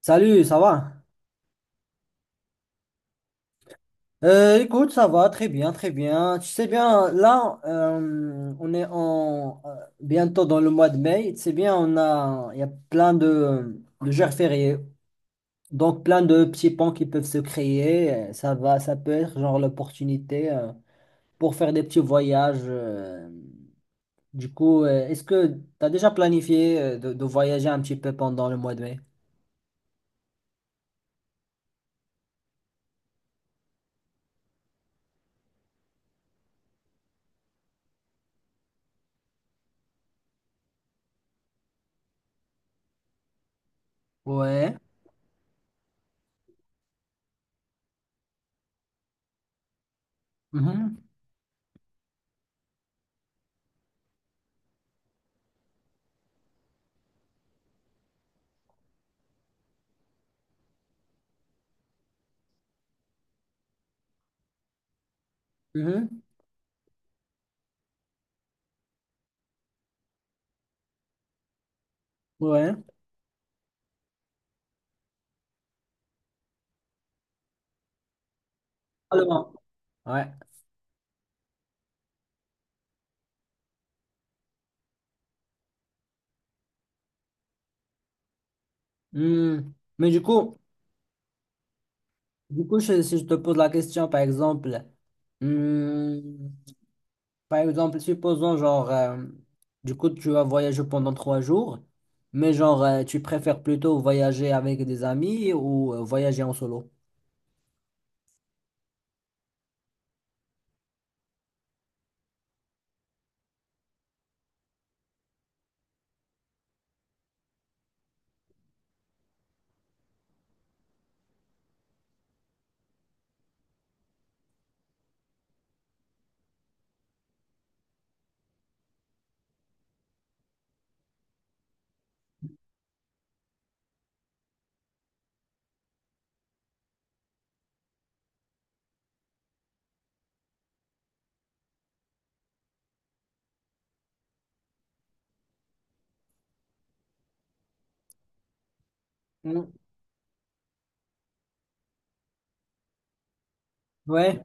Salut, ça va? Écoute, ça va très bien, très bien. Tu sais bien, là, on est bientôt dans le mois de mai. Tu sais bien, il y a plein de jours fériés, donc plein de petits ponts qui peuvent se créer. Ça va, ça peut être genre l'opportunité pour faire des petits voyages. Du coup, est-ce que tu as déjà planifié de voyager un petit peu pendant le mois de mai? Ouais. Mhm. Mhm. Ouais. Alors, ouais. Hmm. Mais du coup, si je te pose la question, par exemple, hmm, par exemple, supposons genre, du coup, tu vas voyager pendant trois jours, mais genre, tu préfères plutôt voyager avec des amis ou voyager en solo? Hmm. Ouais,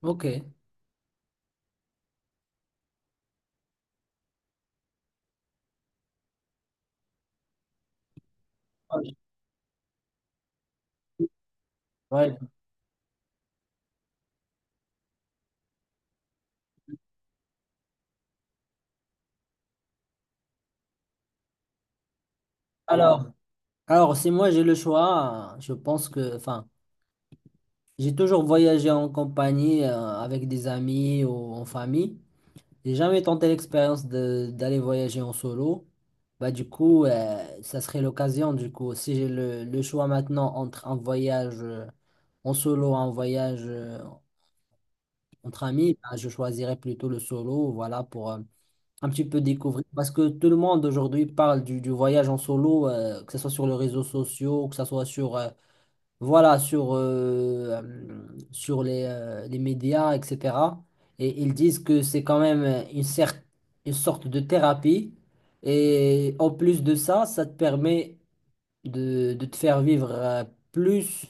ok. Ouais. Alors, alors, si moi j'ai le choix, je pense que, enfin, j'ai toujours voyagé en compagnie, avec des amis ou en famille. J'ai jamais tenté l'expérience de d'aller voyager en solo. Bah du coup, ça serait l'occasion du coup. Si j'ai le choix maintenant entre un voyage en solo, un voyage entre amis, bah, je choisirais plutôt le solo, voilà, pour un petit peu découvrir. Parce que tout le monde aujourd'hui parle du voyage en solo, que ce soit sur les réseaux sociaux, que ce soit sur voilà, sur les médias, etc. Et ils disent que c'est quand même une, cer- une sorte de thérapie. Et en plus de ça, ça te permet de te faire vivre plus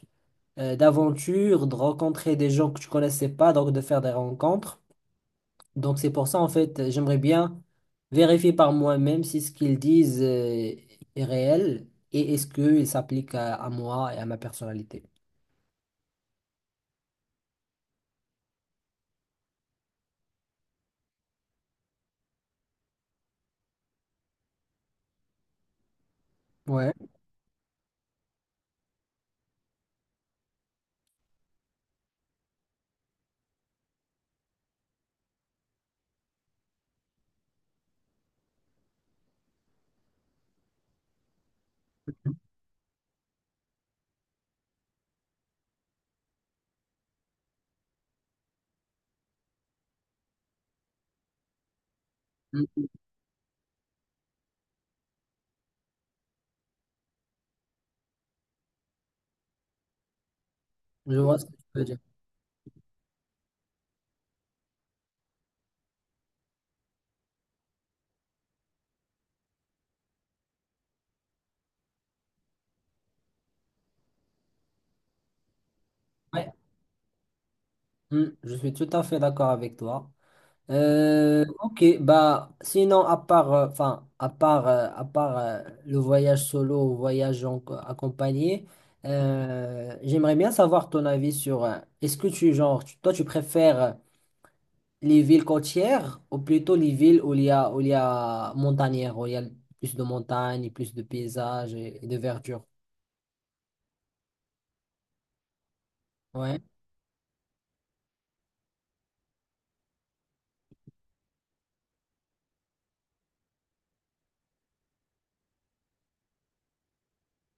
d'aventures, de rencontrer des gens que tu connaissais pas, donc de faire des rencontres. Donc c'est pour ça, en fait, j'aimerais bien vérifier par moi-même si ce qu'ils disent est réel et est-ce qu'il s'applique à moi et à ma personnalité. Ouais. Mm, mm, je vois ce que tu veux dire. Ouais, mm, je suis tout à fait d'accord avec toi. Ok, bah sinon à part, enfin à part le voyage solo ou voyage en- accompagné, j'aimerais bien savoir ton avis sur. Est-ce que tu genre, toi tu préfères les villes côtières ou plutôt les villes où il y a où il y a montagnères, où il y a plus de montagnes, et plus de paysages et de verdure. Ouais,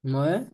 ouais,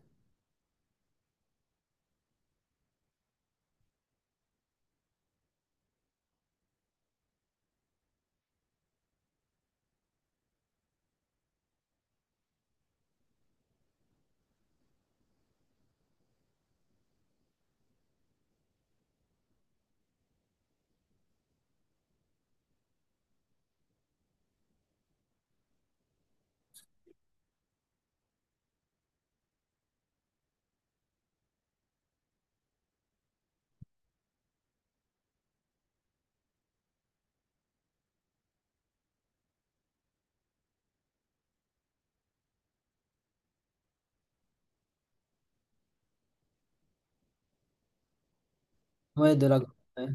ouais, de la. Ouais.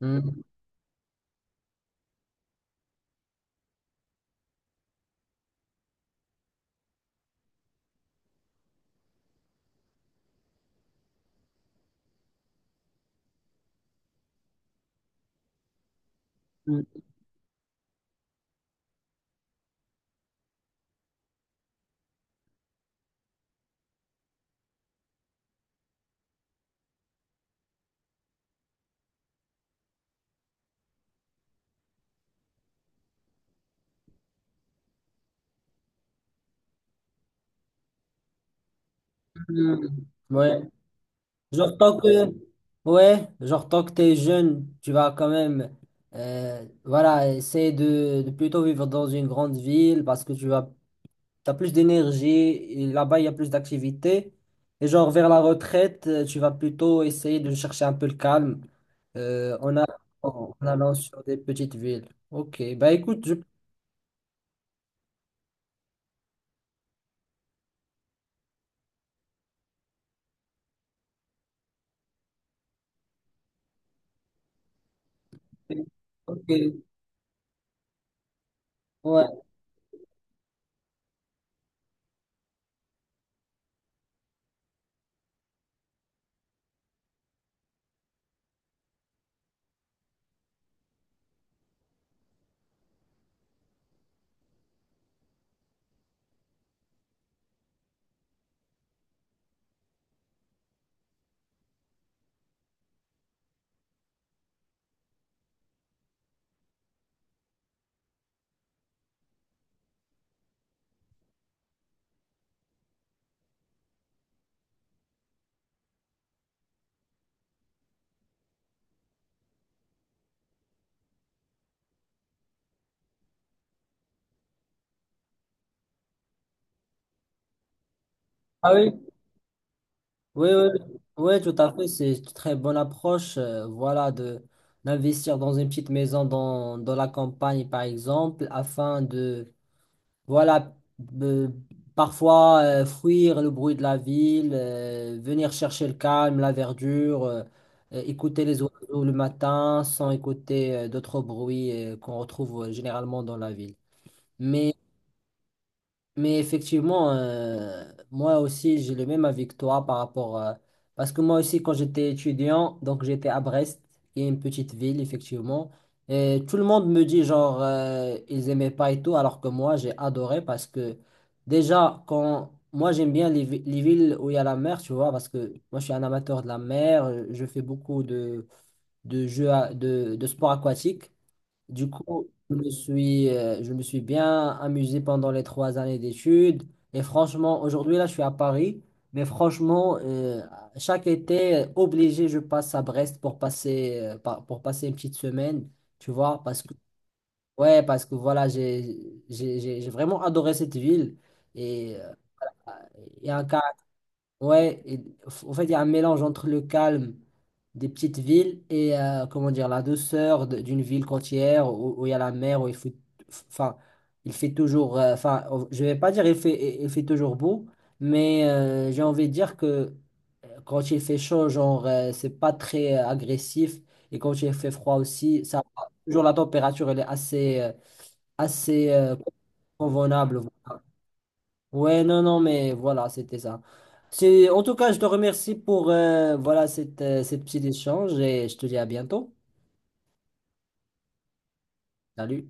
Mm. Mm. Hmm, ouais. Genre, ouais, genre, tant que t'es jeune, tu vas quand même, voilà, essayer de plutôt vivre dans une grande ville parce que tu vas, t'as plus d'énergie, et là-bas, il y a plus d'activité. Et genre, vers la retraite, tu vas plutôt essayer de chercher un peu le calme, euh, en, a- en allant sur des petites villes. Ok, bah écoute, je... Ok, ouais. Ah oui? Oui, oui, oui, tout à fait. C'est une très bonne approche, voilà, de d'investir dans une petite maison dans la campagne, par exemple, afin de, voilà, parfois fuir le bruit de la ville, venir chercher le calme, la verdure, écouter les oiseaux le matin sans écouter d'autres bruits qu'on retrouve généralement dans la ville. Mais mais effectivement, moi aussi, j'ai le même avis que toi par rapport. Parce que moi aussi, quand j'étais étudiant, donc j'étais à Brest, qui est une petite ville, effectivement. Et tout le monde me dit, genre, ils aimaient pas et tout, alors que moi, j'ai adoré parce que déjà, quand. Moi, j'aime bien les, les villes où il y a la mer, tu vois, parce que moi, je suis un amateur de la mer, je fais beaucoup de jeux, à- de sports aquatiques. Du coup, je me suis bien amusé pendant les trois années d'études. Et franchement, aujourd'hui, là, je suis à Paris. Mais franchement, chaque été, obligé, je passe à Brest pour passer, pour passer une petite semaine. Tu vois, parce que, ouais, parce que voilà, j'ai vraiment adoré cette ville. Et il y a un... Ouais, et en fait, il y a un mélange entre le calme des petites villes et comment dire la douceur d'une ville côtière où où il y a la mer, où il faut, enfin, il fait toujours, enfin, je vais pas dire il fait toujours beau, mais j'ai envie de dire que quand il fait chaud, genre, c'est pas très agressif et quand il fait froid aussi, ça va, toujours la température elle est assez convenable. Ouais, non, non, mais voilà, c'était ça. C'est, en tout cas, je te remercie pour voilà, cette, cette petite échange et je te dis à bientôt. Salut.